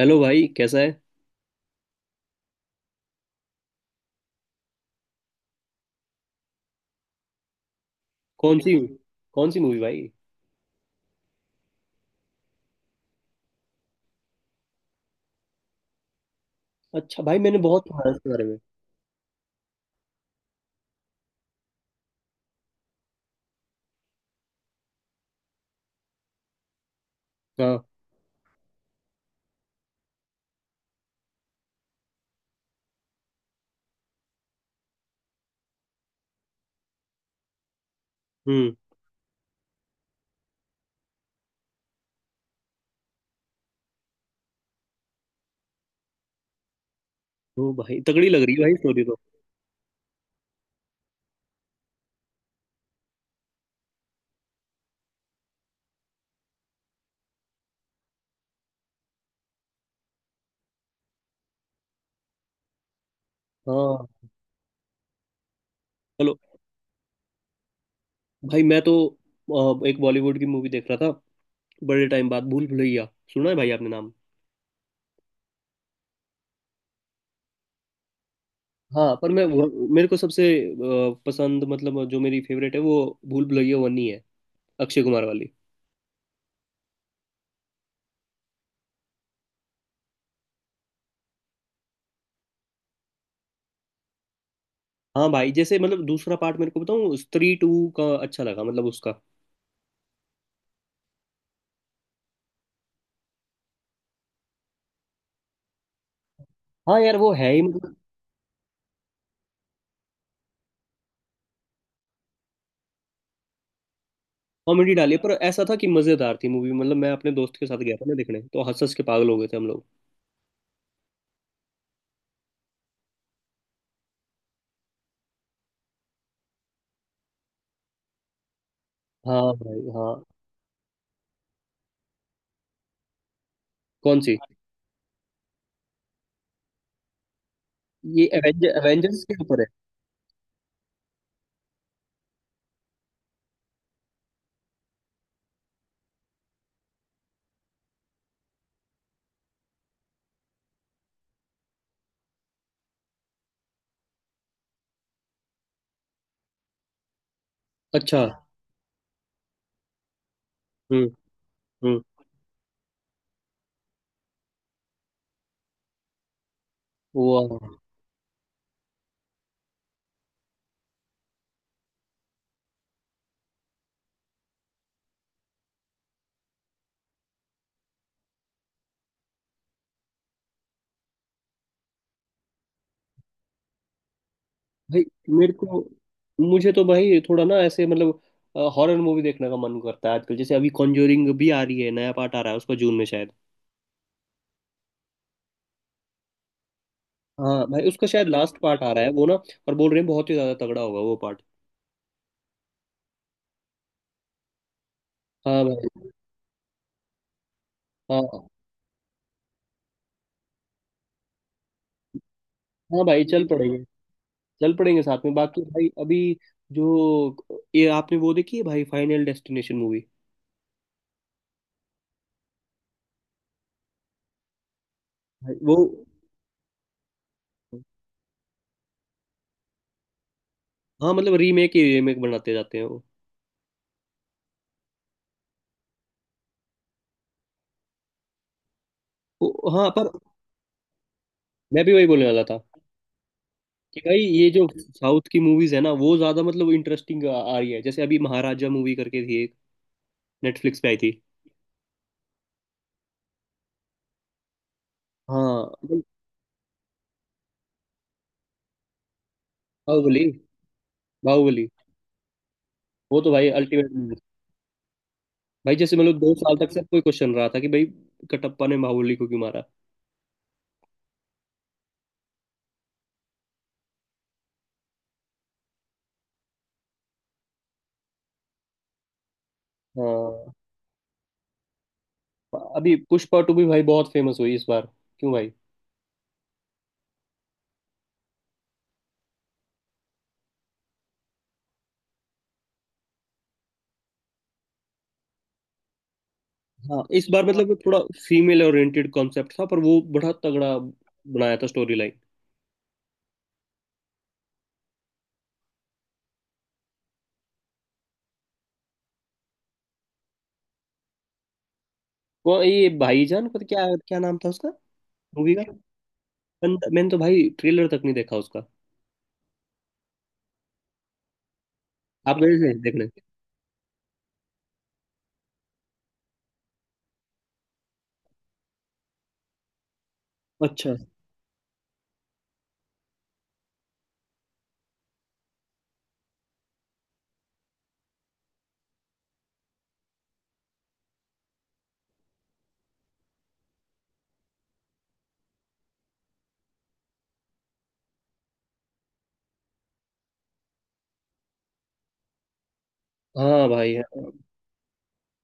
Hello भाई, कैसा है। कौन सी? कौन सी मूवी भाई? अच्छा भाई, मैंने बहुत सुना है इसके बारे में। हाँ। हम्म। तो भाई तगड़ी लग रही है भाई स्टोरी तो। हाँ। चलो। भाई मैं तो एक बॉलीवुड की मूवी देख रहा था। बड़े टाइम बाद भूल भुलैया। सुना है भाई आपने नाम? हाँ, पर मैं मेरे को सबसे पसंद मतलब जो मेरी फेवरेट है वो भूल भुलैया वन ही है। अक्षय कुमार वाली। हाँ भाई, जैसे मतलब दूसरा पार्ट मेरे को बताऊँ स्त्री टू का अच्छा लगा, मतलब उसका। हाँ यार वो है ही मतलब। कॉमेडी डाली है, पर ऐसा था कि मजेदार थी मूवी, मतलब मैं अपने दोस्त के साथ गया था ना देखने, तो हंस हंस के पागल हो गए थे हम लोग। हाँ भाई, हाँ। कौन सी? ये एवेंजर्स के ऊपर है? अच्छा। हम्म। हम्म। वाह। भाई मेरे को मुझे तो भाई थोड़ा ना ऐसे मतलब हॉरर मूवी देखने का मन करता है आजकल, जैसे अभी कॉन्जरिंग भी आ रही है, नया पार्ट आ रहा है उसका, जून में शायद। हाँ भाई, उसका शायद लास्ट पार्ट आ रहा है वो ना। और बोल रहे हैं बहुत ही ज्यादा तगड़ा होगा वो पार्ट। हाँ भाई, हाँ। हाँ भाई, चल पड़ेगी। चल पड़ेंगे साथ में, बाकी भाई अभी जो ये आपने वो देखी है भाई फाइनल डेस्टिनेशन मूवी? वो हाँ मतलब रीमेक ही रीमेक बनाते जाते हैं वो। हाँ, पर मैं भी वही बोलने वाला था कि भाई ये जो साउथ की मूवीज है ना वो ज्यादा मतलब इंटरेस्टिंग आ रही है, जैसे अभी महाराजा मूवी करके थी एक नेटफ्लिक्स पे आई थी। हाँ मतलब बाहुबली। बाहुबली। वो तो भाई अल्टीमेट। भाई जैसे मतलब दो साल तक सब कोई क्वेश्चन रहा था कि भाई कटप्पा ने बाहुबली को क्यों मारा। हाँ। अभी पुष्पा टू भी भाई बहुत फेमस हुई इस बार। क्यों भाई? हाँ, इस बार मतलब थोड़ा फीमेल ओरिएंटेड कॉन्सेप्ट था, पर वो बड़ा तगड़ा बनाया था स्टोरी लाइन। कौन, ये भाईजान? पता क्या क्या नाम था उसका मूवी का? मैंने तो भाई ट्रेलर तक नहीं देखा उसका। आप गए थे देखने? अच्छा। हाँ भाई, हाँ।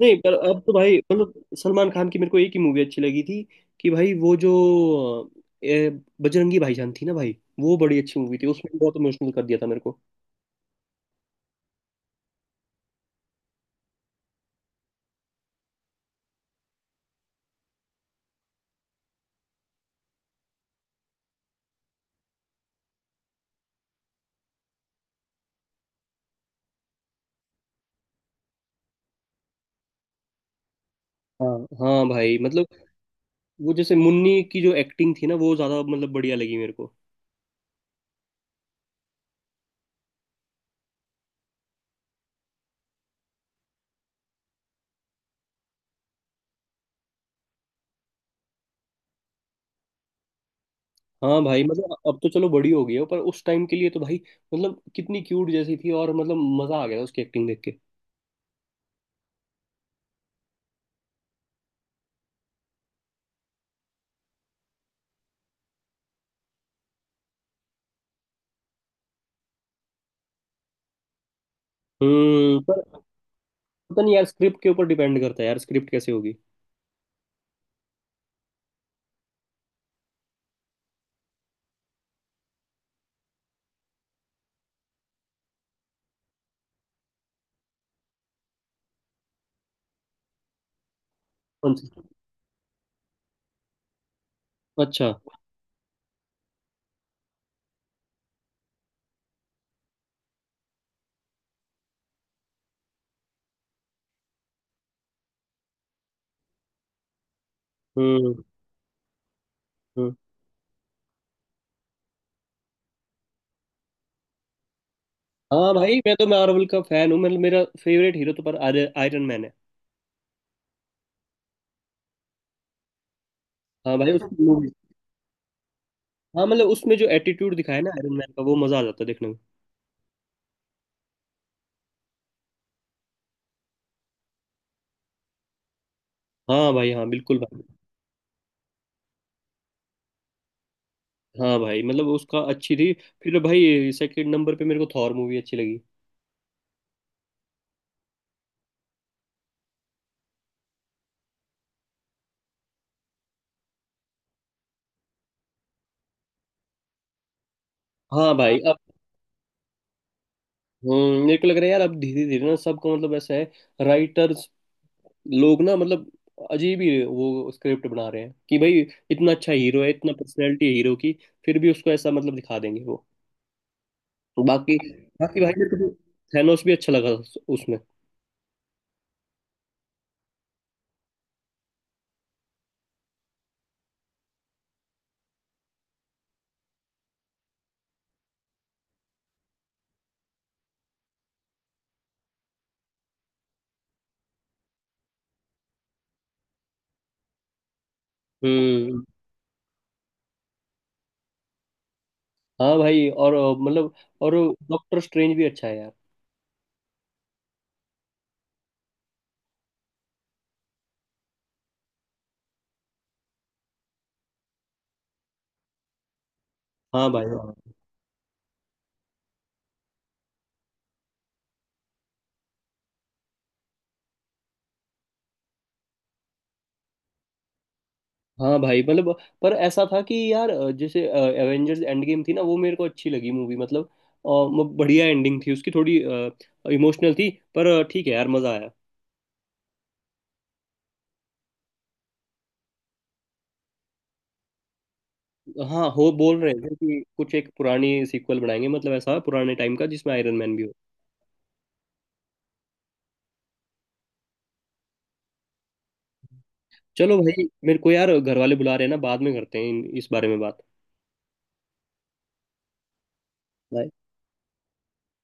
नहीं, पर अब तो भाई मतलब सलमान खान की मेरे को एक ही मूवी अच्छी लगी थी कि भाई वो जो अ, ए, बजरंगी भाईजान थी ना भाई, वो बड़ी अच्छी मूवी थी, उसने बहुत इमोशनल कर दिया था मेरे को। हाँ। हाँ भाई मतलब वो जैसे मुन्नी की जो एक्टिंग थी ना, वो ज्यादा मतलब बढ़िया लगी मेरे को। हाँ भाई मतलब, अब तो चलो बड़ी हो गई है, पर उस टाइम के लिए तो भाई मतलब कितनी क्यूट जैसी थी, और मतलब मजा आ गया था उसकी एक्टिंग देख के। पर पता नहीं यार, स्क्रिप्ट के ऊपर डिपेंड करता है यार, स्क्रिप्ट कैसे होगी। कौन सी? अच्छा। हम्म। हम्म। हाँ भाई, मैं तो मार्वल का फैन हूँ, मतलब मेरा फेवरेट हीरो तो पर आयरन मैन है। हाँ भाई उसकी मूवी। हाँ मतलब उसमें जो एटीट्यूड दिखाया है ना आयरन मैन का, वो मजा आ जाता है देखने में। हाँ भाई, हाँ बिल्कुल भाई। हाँ भाई मतलब उसका अच्छी थी। फिर भाई सेकंड नंबर पे मेरे को थॉर मूवी अच्छी लगी। हाँ भाई अब, मेरे को लग रहा है यार अब धीरे धीरे ना सबको मतलब ऐसा है, राइटर्स लोग ना मतलब अजीब ही वो स्क्रिप्ट बना रहे हैं कि भाई इतना अच्छा हीरो है, इतना पर्सनैलिटी है हीरो की, फिर भी उसको ऐसा मतलब दिखा देंगे वो। बाकी, बाकी भाई मेरे को थैनोस भी अच्छा लगा उसमें। हम्म। हाँ भाई और मतलब और डॉक्टर स्ट्रेंज भी अच्छा है यार। हाँ भाई। हाँ भाई मतलब, पर ऐसा था कि यार जैसे एवेंजर्स एंड गेम थी ना, वो मेरे को अच्छी लगी मूवी, मतलब बढ़िया एंडिंग थी उसकी, थोड़ी इमोशनल थी, पर ठीक है यार मजा आया। हाँ, हो बोल रहे थे कि कुछ एक पुरानी सीक्वल बनाएंगे, मतलब ऐसा पुराने टाइम का जिसमें आयरन मैन भी हो। चलो भाई मेरे को यार घर वाले बुला रहे हैं ना, बाद में करते हैं इस बारे में बात।